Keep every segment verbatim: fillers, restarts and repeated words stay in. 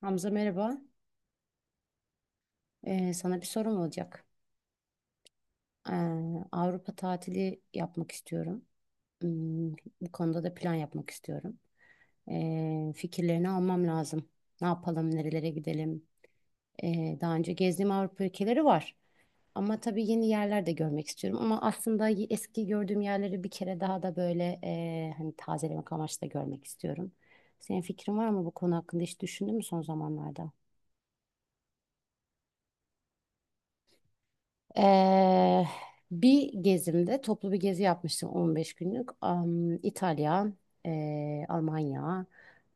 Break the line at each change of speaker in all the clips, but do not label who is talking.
Hamza merhaba. Ee, sana bir sorum olacak. Ee, Avrupa tatili yapmak istiyorum. Hmm, Bu konuda da plan yapmak istiyorum. Ee, fikirlerini almam lazım. Ne yapalım, nerelere gidelim? Ee, daha önce gezdiğim Avrupa ülkeleri var. Ama tabii yeni yerler de görmek istiyorum. Ama aslında y- eski gördüğüm yerleri bir kere daha da böyle e, hani tazelemek amaçlı da görmek istiyorum. Senin fikrin var mı bu konu hakkında? Hiç düşündün mü son zamanlarda? Ee, Bir gezimde toplu bir gezi yapmıştım on beş günlük. Am, İtalya, ee, Almanya,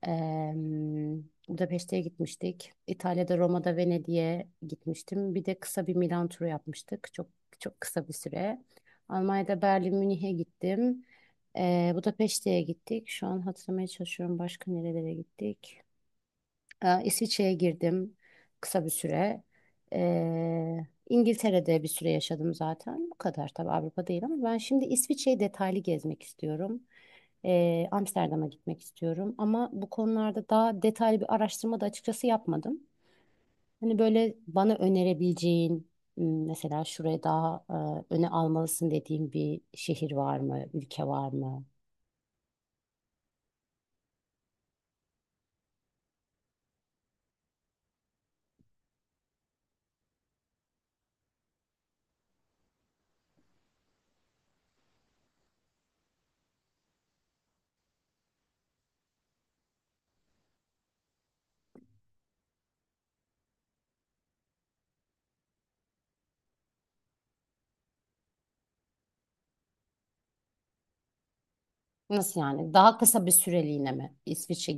em, Budapeşte'ye gitmiştik. İtalya'da Roma'da Venedik'e gitmiştim. Bir de kısa bir Milan turu yapmıştık. Çok çok kısa bir süre. Almanya'da Berlin, Münih'e gittim. Ee, Budapeşte'ye gittik. Şu an hatırlamaya çalışıyorum başka nerelere gittik. E, İsviçre'ye girdim kısa bir süre. E, İngiltere'de bir süre yaşadım zaten. Bu kadar tabii Avrupa değil ama ben şimdi İsviçre'yi detaylı gezmek istiyorum. E, Amsterdam'a gitmek istiyorum. Ama bu konularda daha detaylı bir araştırma da açıkçası yapmadım. Hani böyle bana önerebileceğin m, mesela şuraya daha e, öne almalısın dediğin bir şehir var mı, ülke var mı? Nasıl yani? Daha kısa bir süreliğine mi İsviçre?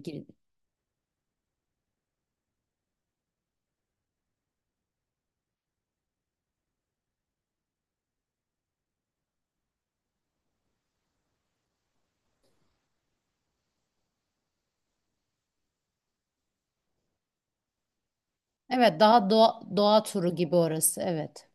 Evet, daha doğa, doğa turu gibi orası, evet.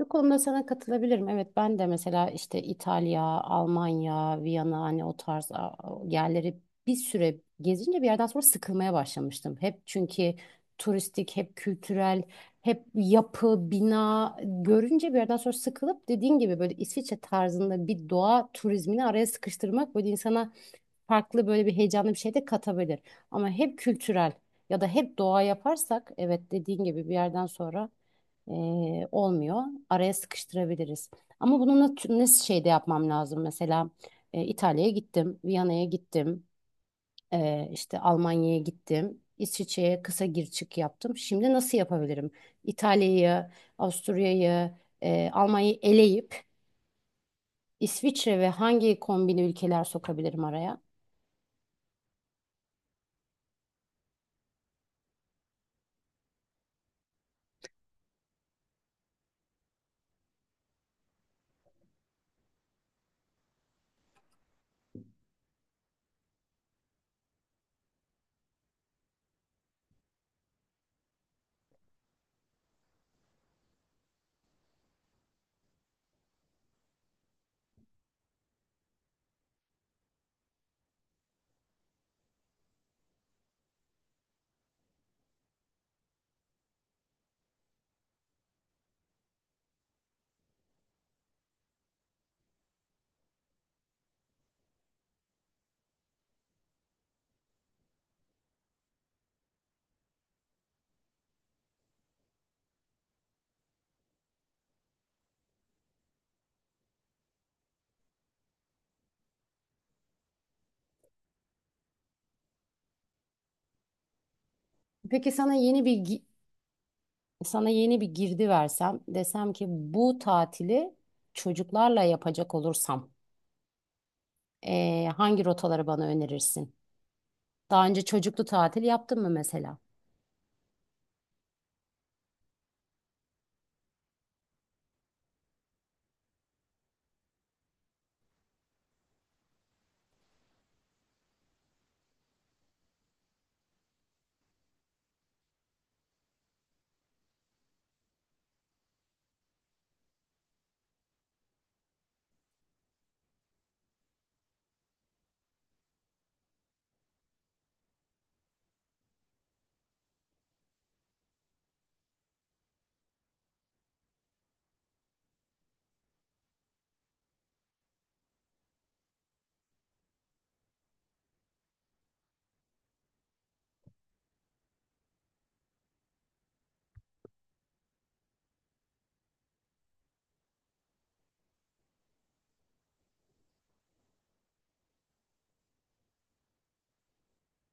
Bu konuda sana katılabilirim. Evet, ben de mesela işte İtalya, Almanya, Viyana hani o tarz a- a- yerleri bir süre gezince bir yerden sonra sıkılmaya başlamıştım. Hep çünkü turistik, hep kültürel, hep yapı, bina görünce bir yerden sonra sıkılıp dediğin gibi böyle İsviçre tarzında bir doğa turizmini araya sıkıştırmak böyle insana farklı böyle bir heyecanlı bir şey de katabilir. Ama hep kültürel ya da hep doğa yaparsak, evet, dediğin gibi bir yerden sonra e, olmuyor. Araya sıkıştırabiliriz. Ama bunu nat- nasıl şeyde yapmam lazım? Mesela e, İtalya'ya gittim, Viyana'ya gittim, e, işte Almanya'ya gittim. İsviçre'ye kısa gir çık yaptım. Şimdi nasıl yapabilirim? İtalya'yı, Avusturya'yı, e, Almanya'yı eleyip İsviçre ve hangi kombine ülkeler sokabilirim araya? Peki sana yeni bir gi- sana yeni bir girdi versem, desem ki bu tatili çocuklarla yapacak olursam eee, hangi rotaları bana önerirsin? Daha önce çocuklu tatil yaptın mı mesela?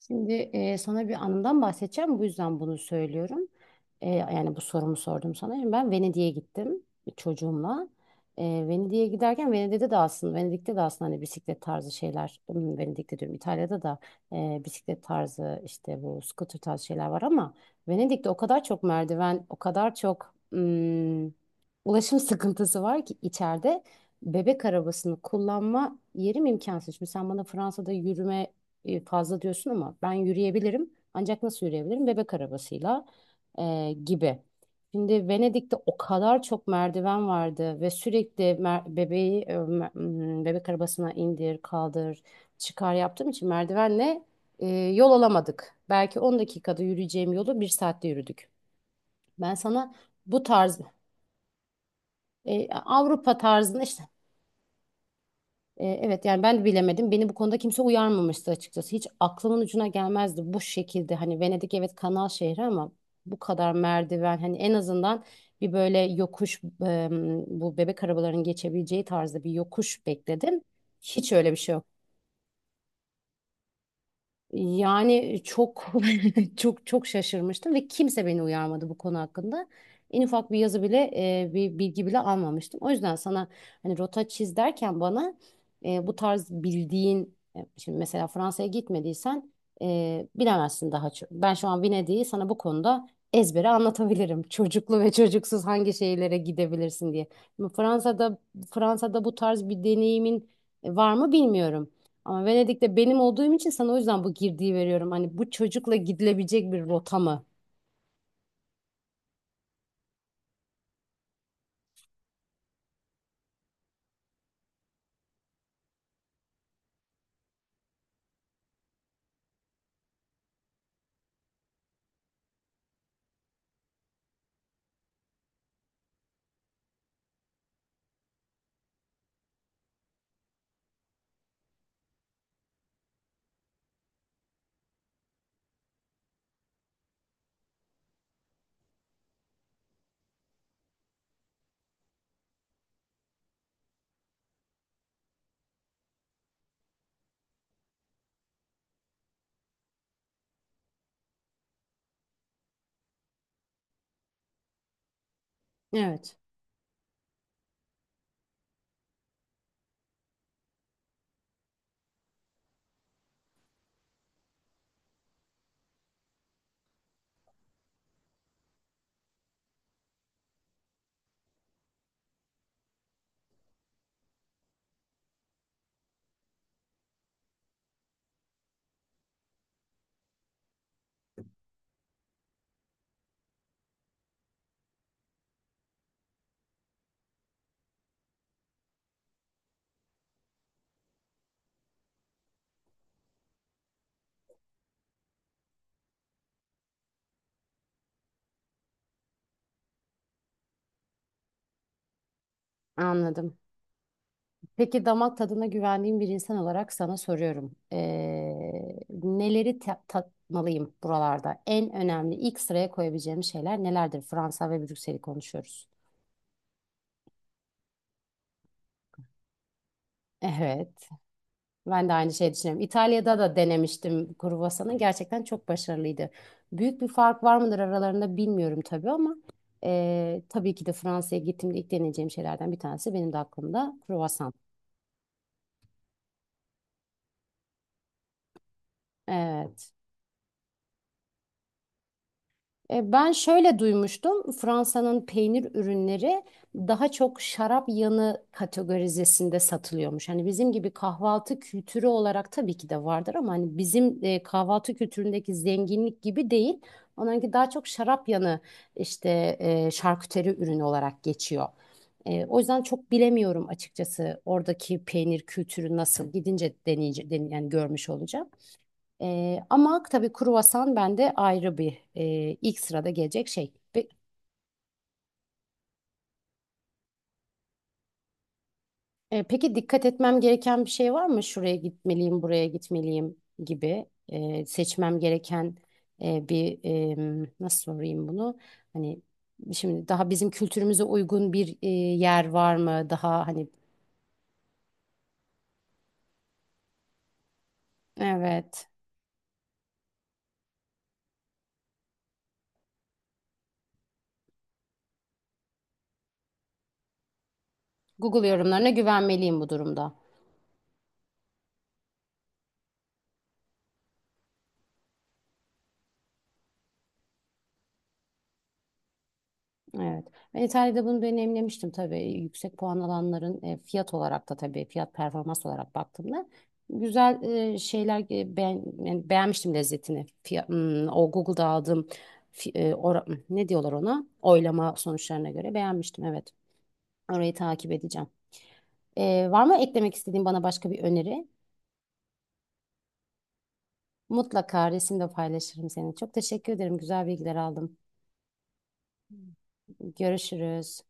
Şimdi e, sana bir anımdan bahsedeceğim. Bu yüzden bunu söylüyorum. E, yani bu sorumu sordum sana. Şimdi ben Venedik'e gittim çocuğumla. E, Venedik'e giderken Venedik'te de aslında Venedik'te de aslında hani bisiklet tarzı şeyler, hmm, Venedik'te diyorum, İtalya'da da e, bisiklet tarzı işte bu scooter tarzı şeyler var ama Venedik'te o kadar çok merdiven, o kadar çok hmm, ulaşım sıkıntısı var ki içeride bebek arabasını kullanma yerim imkansız. Şimdi sen bana Fransa'da yürüme e, fazla diyorsun ama ben yürüyebilirim. Ancak nasıl yürüyebilirim? Bebek arabasıyla e, gibi. Şimdi Venedik'te o kadar çok merdiven vardı ve sürekli mer- bebeği e, mer- m, bebek arabasına indir, kaldır, çıkar yaptığım için merdivenle e, yol alamadık. Belki on dakikada yürüyeceğim yolu bir saatte yürüdük. Ben sana bu tarz e, Avrupa tarzında işte... E, Evet, yani ben de bilemedim. Beni bu konuda kimse uyarmamıştı açıkçası. Hiç aklımın ucuna gelmezdi bu şekilde. Hani Venedik evet kanal şehri ama bu kadar merdiven, hani en azından bir böyle yokuş e, bu bebek arabalarının geçebileceği tarzda bir yokuş bekledim. Hiç öyle bir şey yok. Yani çok çok çok şaşırmıştım ve kimse beni uyarmadı bu konu hakkında. En ufak bir yazı bile, e, bir bilgi bile almamıştım. O yüzden sana hani rota çiz derken bana e, bu tarz bildiğin, e, şimdi mesela Fransa'ya gitmediysen e, bilemezsin daha çok. Ben şu an Venedik'i sana bu konuda ezbere anlatabilirim. Çocuklu ve çocuksuz hangi şehirlere gidebilirsin diye. Şimdi Fransa'da, Fransa'da bu tarz bir deneyimin var mı bilmiyorum. Ama Venedik'te benim olduğum için sana o yüzden bu girdiği veriyorum. Hani bu çocukla gidilebilecek bir rota mı? Evet, anladım. Peki damak tadına güvendiğim bir insan olarak sana soruyorum. Ee, neleri ta- tatmalıyım buralarda? En önemli ilk sıraya koyabileceğim şeyler nelerdir? Fransa ve Brüksel'i konuşuyoruz. Evet. Ben de aynı şey düşünüyorum. İtalya'da da denemiştim kruvasanı. Gerçekten çok başarılıydı. Büyük bir fark var mıdır aralarında bilmiyorum tabii ama e, tabii ki de Fransa'ya gittiğimde ilk deneyeceğim şeylerden bir tanesi benim de aklımda kruvasan. Evet. E, Ben şöyle duymuştum. Fransa'nın peynir ürünleri daha çok şarap yanı kategorizesinde satılıyormuş. Hani bizim gibi kahvaltı kültürü olarak tabii ki de vardır ama hani bizim e, kahvaltı kültüründeki zenginlik gibi değil. Onlarınki daha çok şarap yanı işte e, şarküteri ürünü olarak geçiyor. E, o yüzden çok bilemiyorum açıkçası oradaki peynir kültürü nasıl, gidince deneyece, den- yani görmüş olacağım. Ee, ama tabii kruvasan bende ayrı bir, e, ilk sırada gelecek şey. Pe- e, peki dikkat etmem gereken bir şey var mı? Şuraya gitmeliyim, buraya gitmeliyim gibi, e, seçmem gereken e, bir e, nasıl sorayım bunu? Hani şimdi daha bizim kültürümüze uygun bir, e, yer var mı? Daha hani, evet. Google yorumlarına güvenmeliyim bu durumda. Evet. Ben İtalya'da bunu deneyimlemiştim tabii. Yüksek puan alanların e, fiyat olarak da tabii, fiyat performans olarak baktığımda güzel e, şeyler e, beğen, yani beğenmiştim lezzetini. Fiyat, hmm, o Google'da aldığım fi- e, ora- ne diyorlar ona? Oylama sonuçlarına göre beğenmiştim, evet. Orayı takip edeceğim. E, var mı eklemek istediğin bana başka bir öneri? Mutlaka resimde paylaşırım seni. Çok teşekkür ederim. Güzel bilgiler aldım. Görüşürüz.